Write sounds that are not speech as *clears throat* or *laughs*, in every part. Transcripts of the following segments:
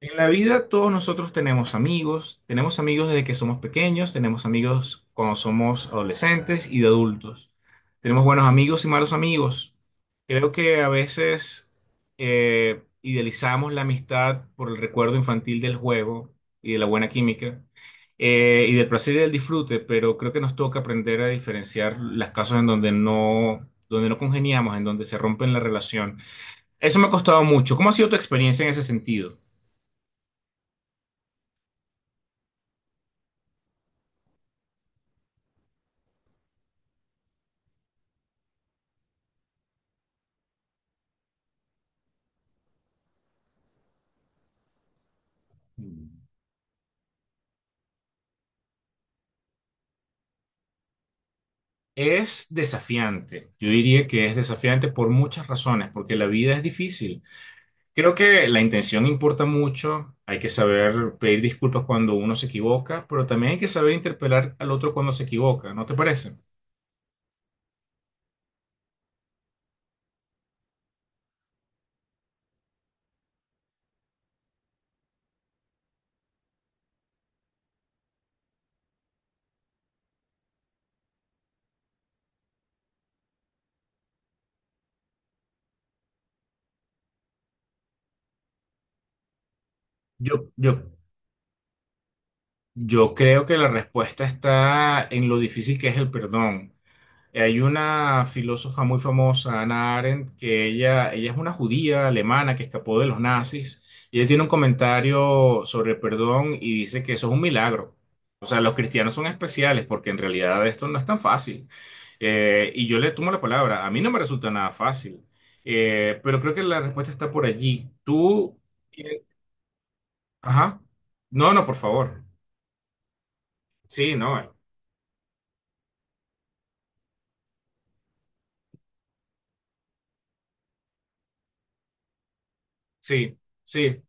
En la vida todos nosotros tenemos amigos desde que somos pequeños, tenemos amigos cuando somos adolescentes y de adultos. Tenemos buenos amigos y malos amigos. Creo que a veces idealizamos la amistad por el recuerdo infantil del juego y de la buena química y del placer y del disfrute, pero creo que nos toca aprender a diferenciar las casos en donde no congeniamos, en donde se rompen la relación. Eso me ha costado mucho. ¿Cómo ha sido tu experiencia en ese sentido? Es desafiante, yo diría que es desafiante por muchas razones, porque la vida es difícil. Creo que la intención importa mucho, hay que saber pedir disculpas cuando uno se equivoca, pero también hay que saber interpelar al otro cuando se equivoca, ¿no te parece? Yo, yo, yo creo que la respuesta está en lo difícil que es el perdón. Hay una filósofa muy famosa, Hannah Arendt, que ella es una judía alemana que escapó de los nazis y ella tiene un comentario sobre el perdón y dice que eso es un milagro. O sea, los cristianos son especiales porque en realidad esto no es tan fácil. Y yo le tomo la palabra, a mí no me resulta nada fácil. Pero creo que la respuesta está por allí. Tú, eh, ajá, no, no, por favor. Sí, no, sí, sí.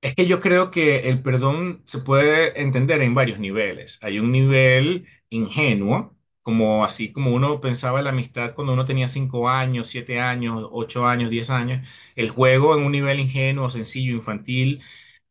Es que yo creo que el perdón se puede entender en varios niveles. Hay un nivel ingenuo, como así como uno pensaba en la amistad cuando uno tenía cinco años, siete años, ocho años, diez años. El juego en un nivel ingenuo, sencillo, infantil.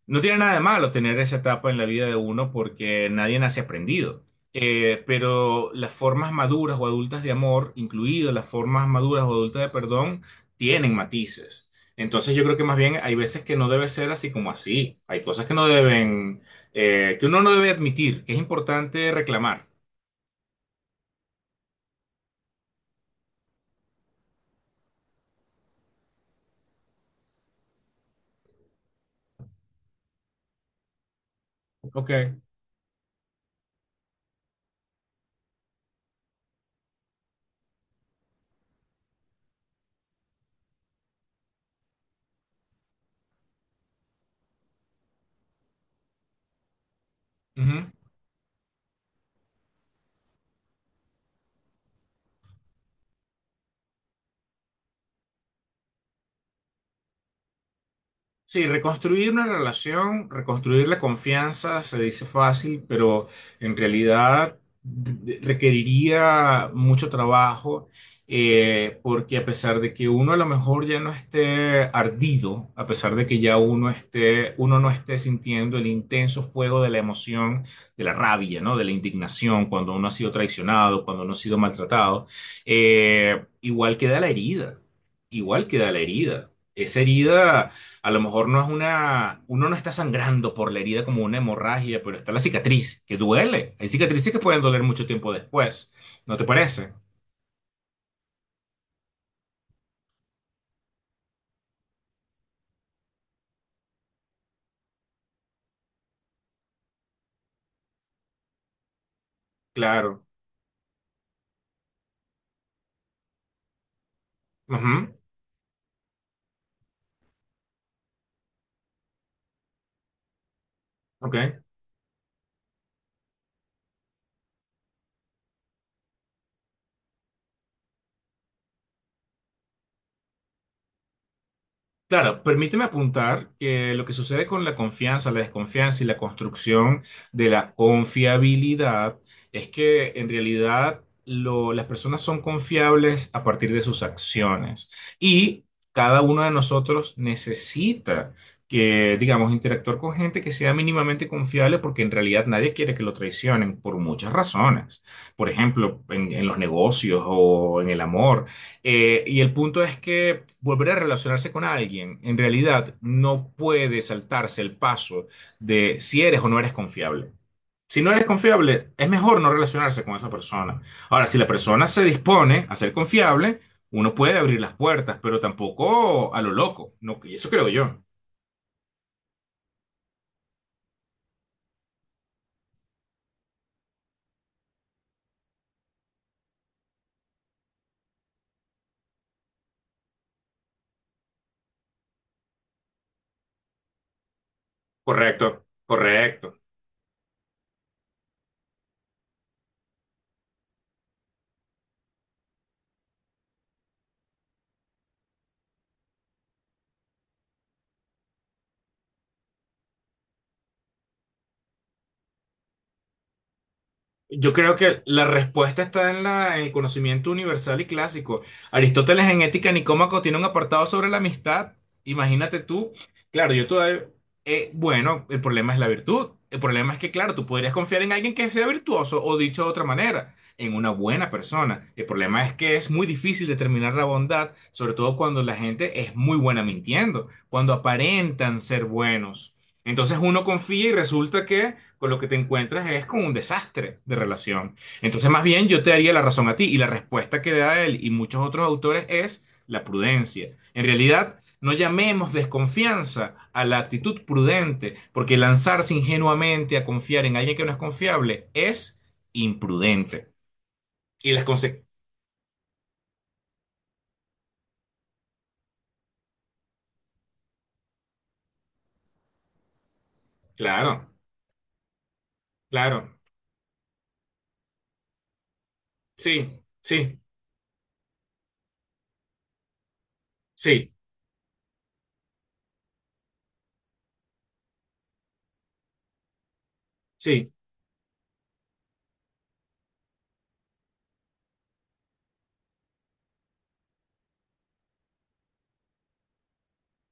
No tiene nada de malo tener esa etapa en la vida de uno porque nadie nace aprendido. Pero las formas maduras o adultas de amor, incluido las formas maduras o adultas de perdón, tienen matices. Entonces yo creo que más bien hay veces que no debe ser así como así. Hay cosas que no deben, que uno no debe admitir, que es importante reclamar. Ok. Ujú. Sí, reconstruir una relación, reconstruir la confianza se dice fácil, pero en realidad requeriría mucho trabajo, porque a pesar de que uno a lo mejor ya no esté ardido, a pesar de que ya uno esté, uno no esté sintiendo el intenso fuego de la emoción, de la rabia, ¿no? De la indignación cuando uno ha sido traicionado, cuando uno ha sido maltratado, igual queda la herida, igual queda la herida. Esa herida a lo mejor no es una, uno no está sangrando por la herida como una hemorragia, pero está la cicatriz, que duele. Hay cicatrices que pueden doler mucho tiempo después. ¿No te parece? Claro. Ujú. Ok. Claro, permíteme apuntar que lo que sucede con la confianza, la desconfianza y la construcción de la confiabilidad es que en realidad las personas son confiables a partir de sus acciones y cada uno de nosotros necesita que, digamos, interactuar con gente que sea mínimamente confiable porque en realidad nadie quiere que lo traicionen por muchas razones. Por ejemplo, en los negocios o en el amor. Y el punto es que volver a relacionarse con alguien, en realidad, no puede saltarse el paso de si eres o no eres confiable. Si no eres confiable, es mejor no relacionarse con esa persona. Ahora, si la persona se dispone a ser confiable, uno puede abrir las puertas, pero tampoco a lo loco. No, y eso creo yo. Correcto, correcto. Yo creo que la respuesta está en la, en el conocimiento universal y clásico. Aristóteles en Ética Nicómaco tiene un apartado sobre la amistad. Imagínate tú, claro, yo todavía, bueno, el problema es la virtud. El problema es que, claro, tú podrías confiar en alguien que sea virtuoso o dicho de otra manera, en una buena persona. El problema es que es muy difícil determinar la bondad, sobre todo cuando la gente es muy buena mintiendo, cuando aparentan ser buenos. Entonces uno confía y resulta que con lo que te encuentras es con un desastre de relación. Entonces más bien yo te daría la razón a ti y la respuesta que da él y muchos otros autores es la prudencia. En realidad, no llamemos desconfianza a la actitud prudente, porque lanzarse ingenuamente a confiar en alguien que no es confiable es imprudente. Y las consecuencias... Claro, claro, sí, sí, sí, sí.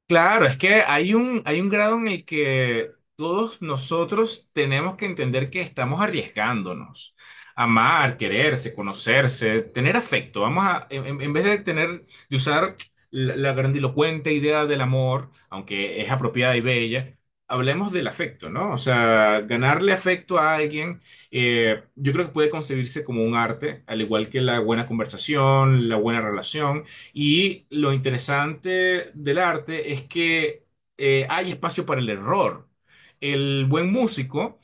Claro, es que hay un grado en el que todos nosotros tenemos que entender que estamos arriesgándonos. Amar, quererse, conocerse, tener afecto. Vamos a, en, en vez de tener, de usar la, la grandilocuente idea del amor, aunque es apropiada y bella, hablemos del afecto, ¿no? O sea, ganarle afecto a alguien, yo creo que puede concebirse como un arte, al igual que la buena conversación, la buena relación. Y lo interesante del arte es que hay espacio para el error. El buen músico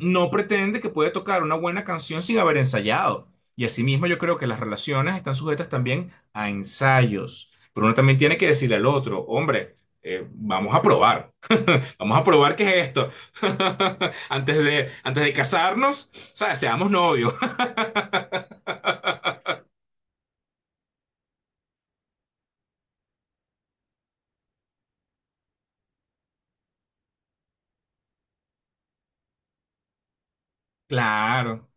no pretende que puede tocar una buena canción sin haber ensayado. Y asimismo yo creo que las relaciones están sujetas también a ensayos. Pero uno también tiene que decirle al otro, hombre, vamos a probar. Vamos a probar qué es esto. *laughs* Antes de casarnos, o sea, seamos novios. *laughs* Claro.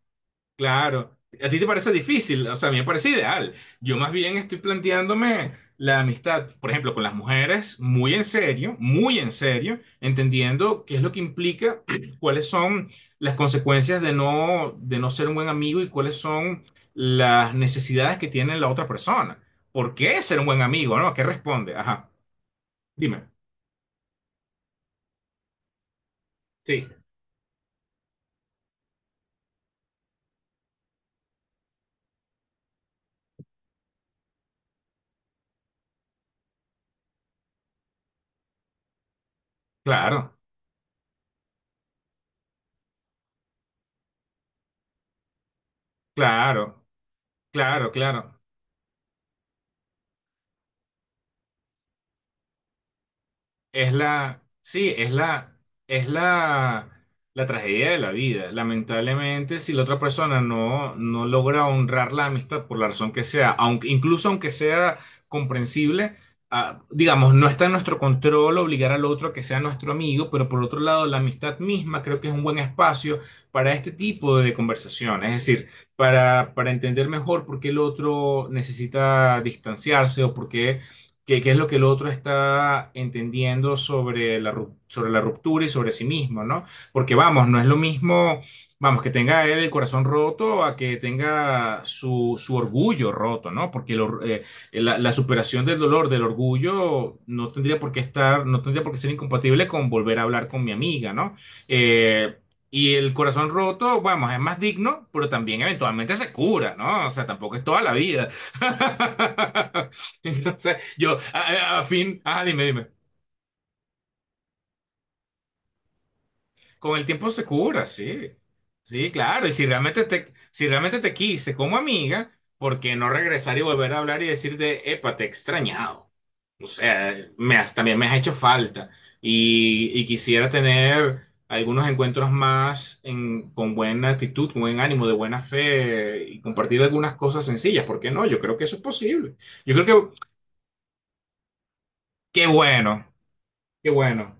Claro, a ti te parece difícil, o sea, a mí me parece ideal. Yo más bien estoy planteándome la amistad, por ejemplo, con las mujeres, muy en serio, entendiendo qué es lo que implica, *clears throat* cuáles son las consecuencias de no ser un buen amigo y cuáles son las necesidades que tiene la otra persona. ¿Por qué ser un buen amigo, no? ¿Qué responde? Ajá, dime. Sí. Claro, claro, claro, claro. Es la, sí, es la, la tragedia de la vida. Lamentablemente, si la otra persona no, no logra honrar la amistad por la razón que sea, aunque, incluso aunque sea comprensible, ah, digamos, no está en nuestro control obligar al otro a que sea nuestro amigo, pero por otro lado, la amistad misma creo que es un buen espacio para este tipo de conversación. Es decir, para entender mejor por qué el otro necesita distanciarse o por qué ¿Qué, qué es lo que el otro está entendiendo sobre la, sobre la ruptura y sobre sí mismo, ¿no? Porque vamos, no es lo mismo, vamos, que tenga él el corazón roto a que tenga su, su orgullo roto, ¿no? Porque el la, la superación del dolor, del orgullo, no tendría por qué estar, no tendría por qué ser incompatible con volver a hablar con mi amiga, ¿no? Eh, y el corazón roto, vamos, es más digno, pero también eventualmente se cura, ¿no? O sea, tampoco es toda la vida. *laughs* *laughs* Entonces, yo, a, a fin, ah, dime, dime. Con el tiempo se cura, sí. Sí, claro. Y si realmente te, si realmente te quise como amiga, ¿por qué no regresar y volver a hablar y decirte, epa, te he extrañado? O sea, también me has hecho falta. Y quisiera tener algunos encuentros más en, con buena actitud, con buen ánimo, de buena fe y compartir algunas cosas sencillas. ¿Por qué no? Yo creo que eso es posible. Yo creo que, qué bueno, qué bueno.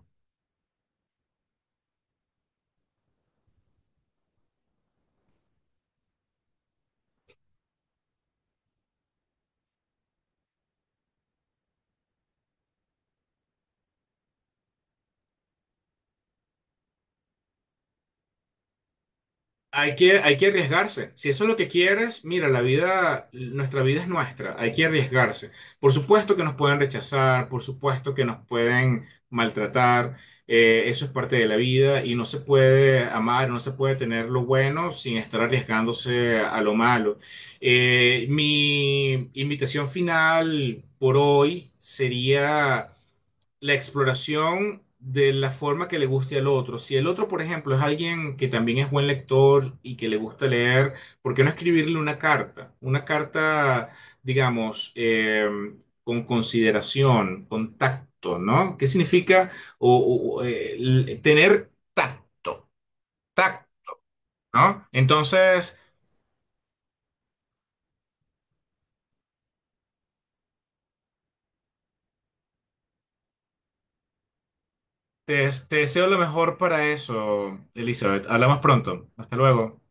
Hay que arriesgarse. Si eso es lo que quieres, mira, la vida, nuestra vida es nuestra. Hay que arriesgarse. Por supuesto que nos pueden rechazar, por supuesto que nos pueden maltratar. Eso es parte de la vida y no se puede amar, no se puede tener lo bueno sin estar arriesgándose a lo malo. Mi invitación final por hoy sería la exploración de la forma que le guste al otro. Si el otro, por ejemplo, es alguien que también es buen lector y que le gusta leer, ¿por qué no escribirle una carta? Una carta, digamos, con consideración, con tacto, ¿no? ¿Qué significa tener tacto? Tacto, ¿no? Entonces, te deseo lo mejor para eso, Elizabeth. Hablamos pronto. Hasta luego.